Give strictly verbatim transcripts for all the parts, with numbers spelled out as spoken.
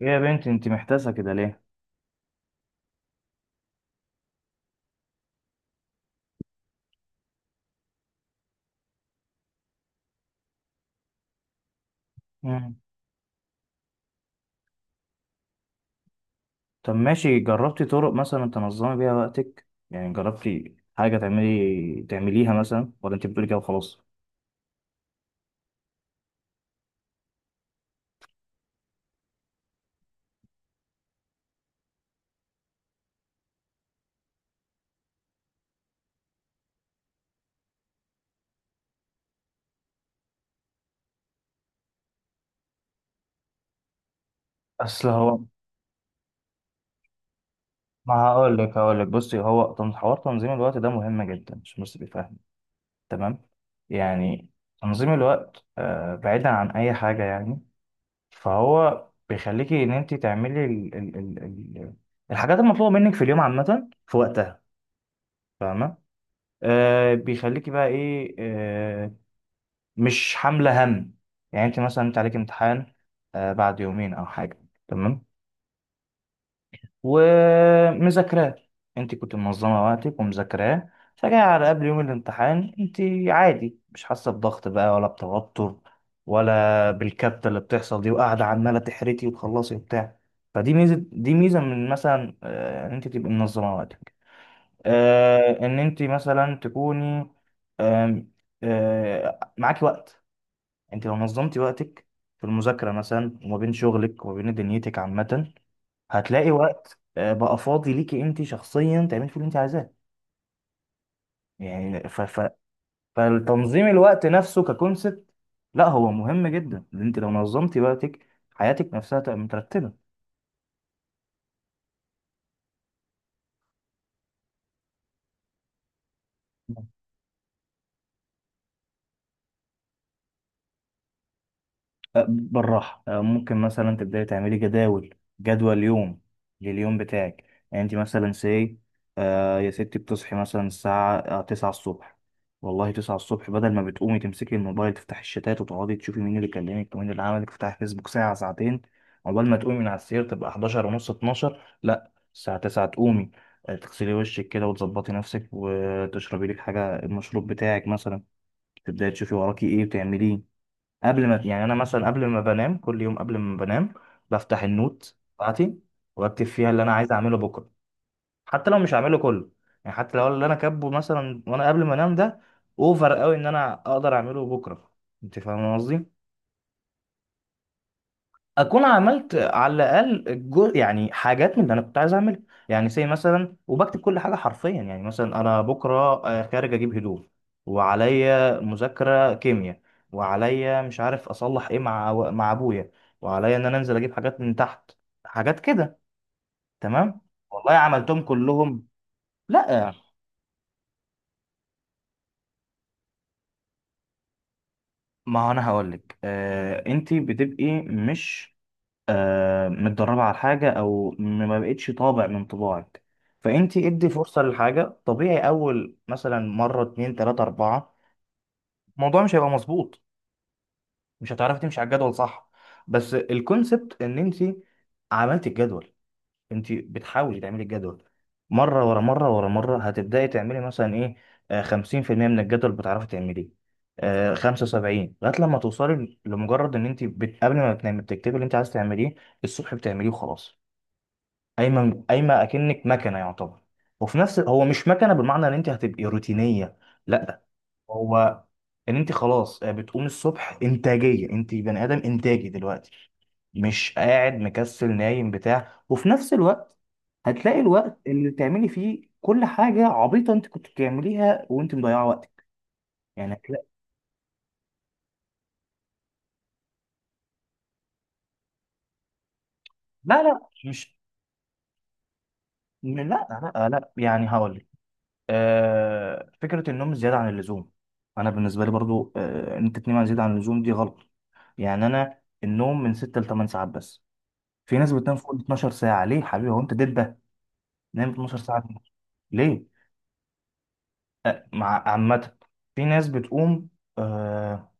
يا بنت انت محتاسة كده ليه؟ مم. طب ماشي، جربتي طرق مثلا تنظمي بيها وقتك؟ يعني جربتي حاجة تعملي تعمليها مثلا ولا انت بتقولي كده وخلاص؟ اصل هو ما هقول لك هقول لك بصي، هو تن- حوار تنظيم الوقت ده مهم جدا، مش بس بيفهم. تمام؟ يعني تنظيم الوقت آه، بعيدا عن أي حاجة يعني، فهو بيخليكي إن انت تعملي ال ال ال ال الحاجات المطلوبة منك في اليوم عامة في وقتها. فاهمة؟ آه، بيخليكي بقى ايه، آه، مش حاملة هم. يعني انت مثلا، انت عليك امتحان آه، بعد يومين او حاجة، تمام، ومذاكراه. انت كنت منظمة وقتك ومذاكراه، فجأة على قبل يوم الامتحان انت عادي، مش حاسة بضغط بقى، ولا بتوتر، ولا بالكبتة اللي بتحصل دي، وقاعدة عمالة تحرتي وتخلصي وبتاع. فدي ميزة، دي ميزة من مثلا آه، ان انت تبقي منظمة وقتك، آه، ان انت مثلا تكوني، آم، آه، معاكي وقت. انت لو نظمتي وقتك في المذاكرة مثلا، وما بين شغلك وما بين دنيتك عامة، هتلاقي وقت آه، بقى فاضي ليكي انت شخصيا تعملي فيه اللي انت عايزاه. يعني ف... ف... فالتنظيم الوقت نفسه ككونسبت، لا هو مهم جدا. ان انت لو نظمتي وقتك، حياتك نفسها تبقى مترتبة. آه، بالراحة، آه، ممكن مثلا تبدأي تعملي جداول، جدول يوم لليوم بتاعك. يعني انت مثلا سي آه يا ستي، بتصحي مثلا الساعة آه، تسعة الصبح. والله، تسعة الصبح، بدل ما بتقومي تمسكي الموبايل تفتحي الشتات وتقعدي تشوفي مين اللي كلمك ومين اللي عملك، تفتحي فيسبوك ساعة ساعتين، عقبال ما تقومي من على السرير تبقى احداشر ونص، اتناشر، لا، الساعة تسعة تقومي، آه، تغسلي وشك كده وتظبطي نفسك وتشربي لك حاجة المشروب بتاعك مثلا، تبدأي تشوفي وراكي ايه وتعمليه. قبل ما يعني انا مثلا، قبل ما بنام كل يوم، قبل ما بنام بفتح النوت بتاعتي واكتب فيها اللي انا عايز اعمله بكره. حتى لو مش هعمله كله، يعني حتى لو اللي انا كاتبه مثلا وانا قبل ما انام ده اوفر قوي ان انا اقدر اعمله بكره. انت فاهم قصدي؟ اكون عملت على الاقل الجزء، يعني حاجات من اللي انا كنت عايز اعملها. يعني زي مثلا، وبكتب كل حاجه حرفيا، يعني مثلا انا بكره آه، خارج اجيب هدوم، وعليا مذاكره كيمياء، وعليا مش عارف اصلح ايه مع مع ابويا، وعليا ان انا انزل اجيب حاجات من تحت، حاجات كده، تمام، والله عملتهم كلهم؟ لا، ما هو انا هقول لك، آه، انت بتبقي مش آه، متدربة على حاجة، أو م- ما بقتش طابع من طباعك. فأنت ادي فرصة للحاجة، طبيعي أول مثلا مرة، اتنين، تلاتة، أربعة، الموضوع مش هيبقى مظبوط، مش هتعرفي تمشي على الجدول صح. بس الكونسبت إن أنت عملت الجدول، أنت بتحاولي تعملي الجدول مرة ورا مرة ورا مرة، هتبدأي تعملي مثلا إيه، آه، خمسين في المية من الجدول بتعرفي تعمليه، آه، خمسة وسبعين، لغاية لما توصلي لمجرد إن أنت بت- قبل ما بتنامي بتكتبي اللي أنت عايز تعمليه، الصبح بتعمليه وخلاص. قايمه قايمه اكنك مكنه يعتبر، وفي نفس، هو مش مكنه بالمعنى ان انت هتبقي روتينيه، لا. هو ان انت خلاص بتقوم الصبح انتاجيه، انت بني ادم انتاجي دلوقتي، مش قاعد مكسل نايم بتاع. وفي نفس الوقت هتلاقي الوقت اللي تعملي فيه كل حاجه عبيطه انت كنت بتعمليها وانت مضيعه وقتك. يعني هتلاقي، لا لا، مش لا لا لا، يعني هقول آه، فكرة النوم زيادة عن اللزوم. أنا بالنسبة لي برضو آه، إن أنت تنام عن- زيادة عن اللزوم دي غلط. يعني أنا النوم من ستة ل ثمانية ساعات بس. في ناس بتنام فوق ال اتناشر ساعة، ليه يا حبيبي؟ هو أنت دبة نام اتناشر ساعة؟ ليه؟ مع عامة، في ناس بتقوم آه،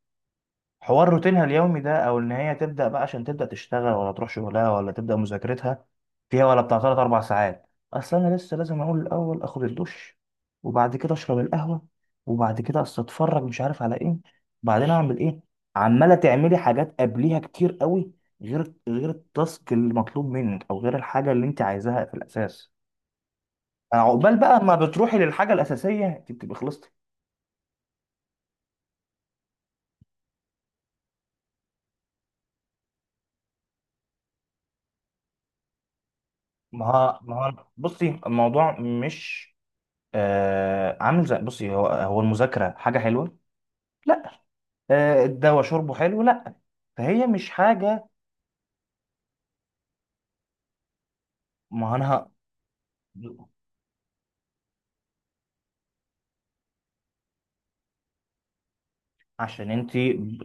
حوار روتينها اليومي ده، او ان هي تبدا بقى عشان تبدا تشتغل، ولا تروح شغلها، ولا تبدا مذاكرتها فيها ولا بتاع، ثلاث اربع ساعات. اصل انا لسه لازم اقول الاول اخد الدش، وبعد كده اشرب القهوه، وبعد كده اصل اتفرج مش عارف على ايه، بعدين اعمل ايه، عماله تعملي حاجات قبليها كتير قوي، غير غير التاسك المطلوب منك او غير الحاجه اللي انت عايزاها في الاساس. آه، عقبال بقى ما بتروحي للحاجه الاساسيه انت بتبقي خلصتي. ما هو- ما هو بصي الموضوع مش آه عامل زي، بصي، هو هو المذاكرة حاجة حلوة؟ لا. آه، الدواء شربه حلو؟ لا. فهي مش حاجة. ما أنا ه- عشان انت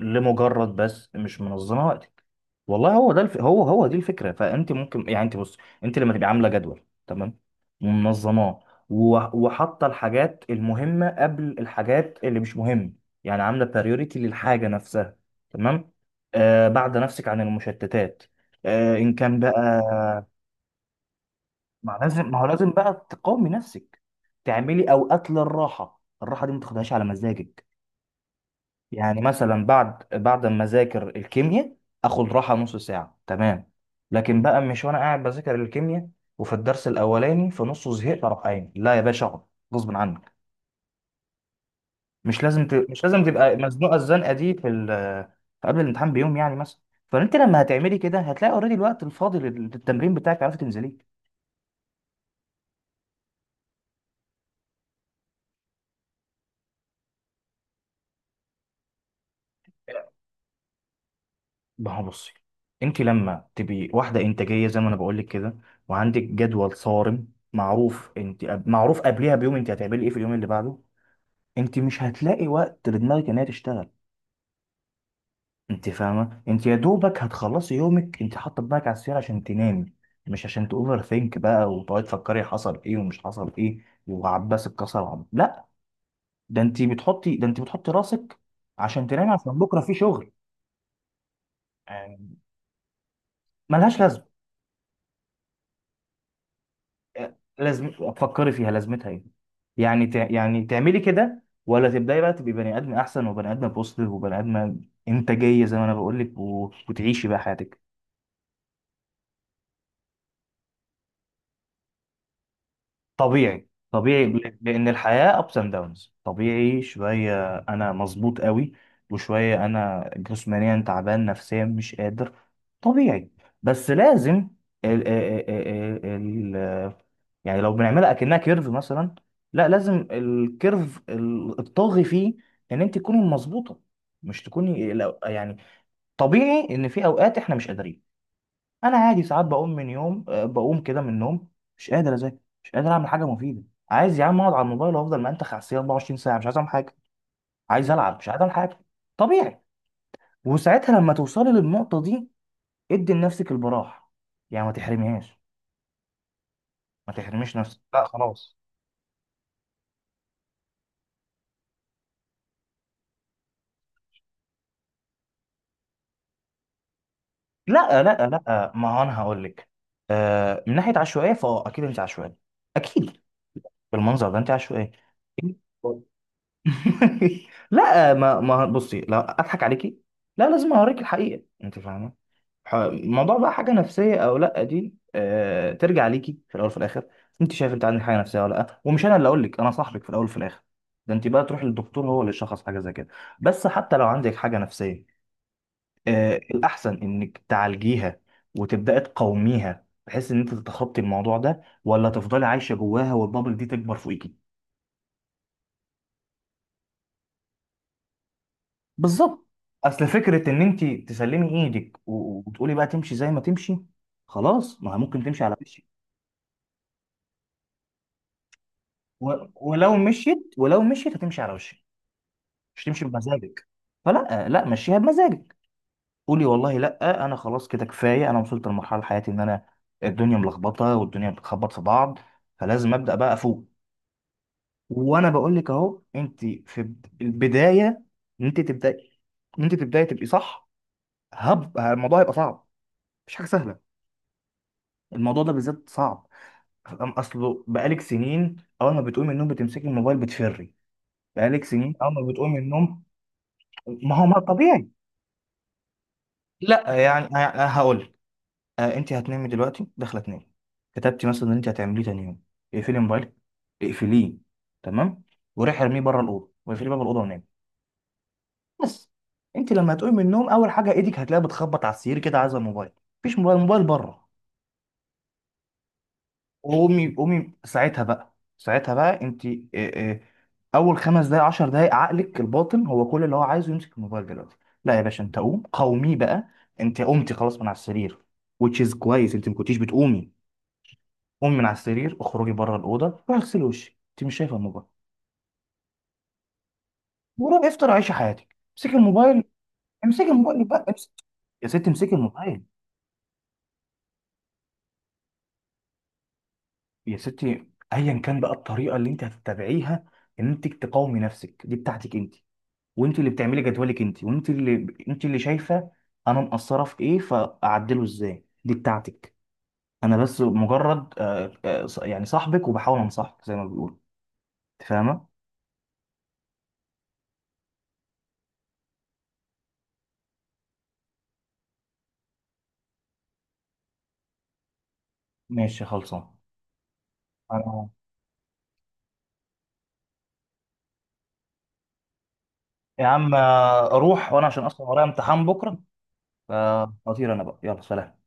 لمجرد بس مش منظمة وقتك. والله هو ده الف... هو هو دي الفكرة. فانت ممكن، يعني انت بص، انت لما تبقي عاملة جدول تمام، ومنظماه، و- وحاطة الحاجات المهمة قبل الحاجات اللي مش مهمة، يعني عاملة بريوريتي للحاجة نفسها، تمام، آه، بعد نفسك عن المشتتات، آه، ان كان بقى، ما لازم، ما هو لازم بقى تقاومي نفسك، تعملي اوقات للراحه، الراحه دي ما تاخدهاش على مزاجك. يعني مثلا بعد بعد ما اذاكر الكيمياء اخد راحه نص ساعه، تمام، لكن بقى مش وانا قاعد بذاكر الكيمياء وفي الدرس الاولاني في نصه زهقت اروح قايم، لا يا باشا اقعد غصب عنك. مش لازم ت... مش لازم تبقى مزنوقه الزنقه دي في ال... في قبل الامتحان بيوم يعني مثلا. فانت لما هتعملي كده هتلاقي اوريدي الوقت الفاضي لل- للتمرين بتاعك عرفت تنزليه. ما هو بصي انت لما تبقي واحده انتاجيه زي ما انا بقول لك كده، وعندك جدول صارم معروف، انت معروف قبلها بيوم انت هتعملي ايه في اليوم اللي بعده، انت مش هتلاقي وقت لدماغك ان هي تشتغل. انت فاهمه، انت يا دوبك هتخلصي يومك انت حاطه دماغك على السرير عشان تنامي، مش عشان تاوفر ثينك بقى وتقعدي تفكري حصل ايه ومش حصل ايه وعباس اتكسر وعب... لا. ده انت بتحطي ده انت بتحطي راسك عشان تنامي عشان بكره في شغل. يعني ملهاش لازمه، لازم فكري فيها لازمتها ايه. يعني تع... يعني تعملي كده، ولا تبداي بقى تبقي بني ادم احسن، وبني ادم بوزيتيف، وبني ادم انتاجيه، زي ما انا بقول لك، و... وتعيشي بقى حياتك. طبيعي، طبيعي ل- لان الحياه ابس اند داونز، طبيعي شويه انا مظبوط قوي، وشويه انا جسمانيا تعبان نفسيا مش قادر، طبيعي. بس لازم ال ال ال ال ال- يعني لو بنعملها اكنها كيرف مثلا، لا لازم الكيرف ال- الطاغي فيه ان انت تكوني مظبوطه، مش تكوني لو- يعني طبيعي ان في اوقات احنا مش قادرين. انا عادي ساعات بقوم من يوم آه، بقوم كده من النوم مش قادر اذاكر، مش قادر اعمل حاجه مفيده، عايز يا عم اقعد على الموبايل وافضل منتخ على السرير أربعة وعشرين ساعه، مش عايز اعمل حاجه، عايز العب، مش عايز اعمل حاجه. طبيعي. وساعتها لما توصلي للنقطه دي ادي لنفسك البراح، يعني ما تحرميهاش، ما تحرميش نفسك، لا خلاص. لا لا لا، ما هو انا هقول لك، آه، من ناحيه عشوائيه، فاه اكيد انت عشوائيه، اكيد، بالمنظر ده انت عشوائيه. لا، ما ما بصي، لا اضحك عليكي، لا لازم اوريك الحقيقه، انت فاهمه. ح- الموضوع بقى حاجه نفسيه او لا، دي آه ترجع ليكي في الاول وفي الاخر، انت شايف انت عندك حاجه نفسيه ولا لا، ومش انا اللي اقول لك، انا صاحبك في الاول وفي الاخر، ده انت بقى تروحي للدكتور هو اللي يشخص حاجه زي كده. بس حتى لو عندك حاجه نفسيه، آه الاحسن انك تعالجيها وتبداي تقاوميها، بحيث ان انت تتخطي الموضوع ده، ولا تفضلي عايشه جواها والبابل دي تكبر فوقيكي. بالظبط. اصل فكره ان انت تسلمي ايدك و- وتقولي بقى تمشي زي ما تمشي، خلاص، ما هي ممكن تمشي على وشك. و- ولو مشيت، ولو مشيت هتمشي على وشك، مش هتمشي بمزاجك. فلا، لا مشيها بمزاجك، قولي والله لا، انا خلاص كده كفايه، انا وصلت لمرحله حياتي ان انا، الدنيا ملخبطه والدنيا بتخبط في بعض، فلازم ابدا بقى افوق. وانا بقول لك اهو انت في بد- البدايه، ان انت تبداي، ان انت تبداي تبقي صح، هب الموضوع هيبقى صعب، مش حاجه سهله، الموضوع ده بالذات صعب. أم- اصله بقالك سنين اول ما بتقومي من النوم بتمسكي الموبايل بتفري، بقالك سنين اول ما بتقومي من النوم. ما هو، ما طبيعي. لا، يعني هقول آه، انت هتنامي دلوقتي داخله تنامي، كتبتي مثلا ان انت هتعمليه تاني يوم، اقفلي موبايلك، اقفليه، تمام، وروحي ارميه بره الاوضه واقفلي باب الاوضه ونامي. بس انت لما هتقومي من النوم اول حاجه ايدك هتلاقيها بتخبط على السرير كده عايزه الموبايل، مفيش موبايل، الموبايل بره. قومي قومي ساعتها بقى، ساعتها بقى انت اه، اه، اول خمس دقايق عشر دقايق عقلك الباطن هو كل اللي هو عايزه يمسك الموبايل دلوقتي، لا يا باشا انت قوم، قومي بقى. انت قمتي خلاص من على السرير which is كويس، انت ما كنتيش بتقومي. قومي من على السرير، اخرجي بره الاوضه، روحي اغسلي وشك، انت مش شايفه الموبايل. وروحي افطر عيشي حياتك، امسكي الموبايل. امسكي الموبايل بقى امسك. يا ستي امسكي الموبايل. يا ستي، ايا كان بقى الطريقه اللي انت هتتبعيها ان انت تقاومي نفسك دي بتاعتك انت، وانت اللي بتعملي جدولك انت، وانت اللي انت اللي شايفه انا مقصره في ايه فاعدله ازاي دي بتاعتك. انا بس مجرد آه، آه، ص- يعني صاحبك وبحاول انصحك زي ما بيقولوا، انت فاهمه؟ ماشي خلصان. انا يا عم آه، اروح وانا عشان اصلا ورايا امتحان بكره، فاطير انا بقى، يلا، سلام.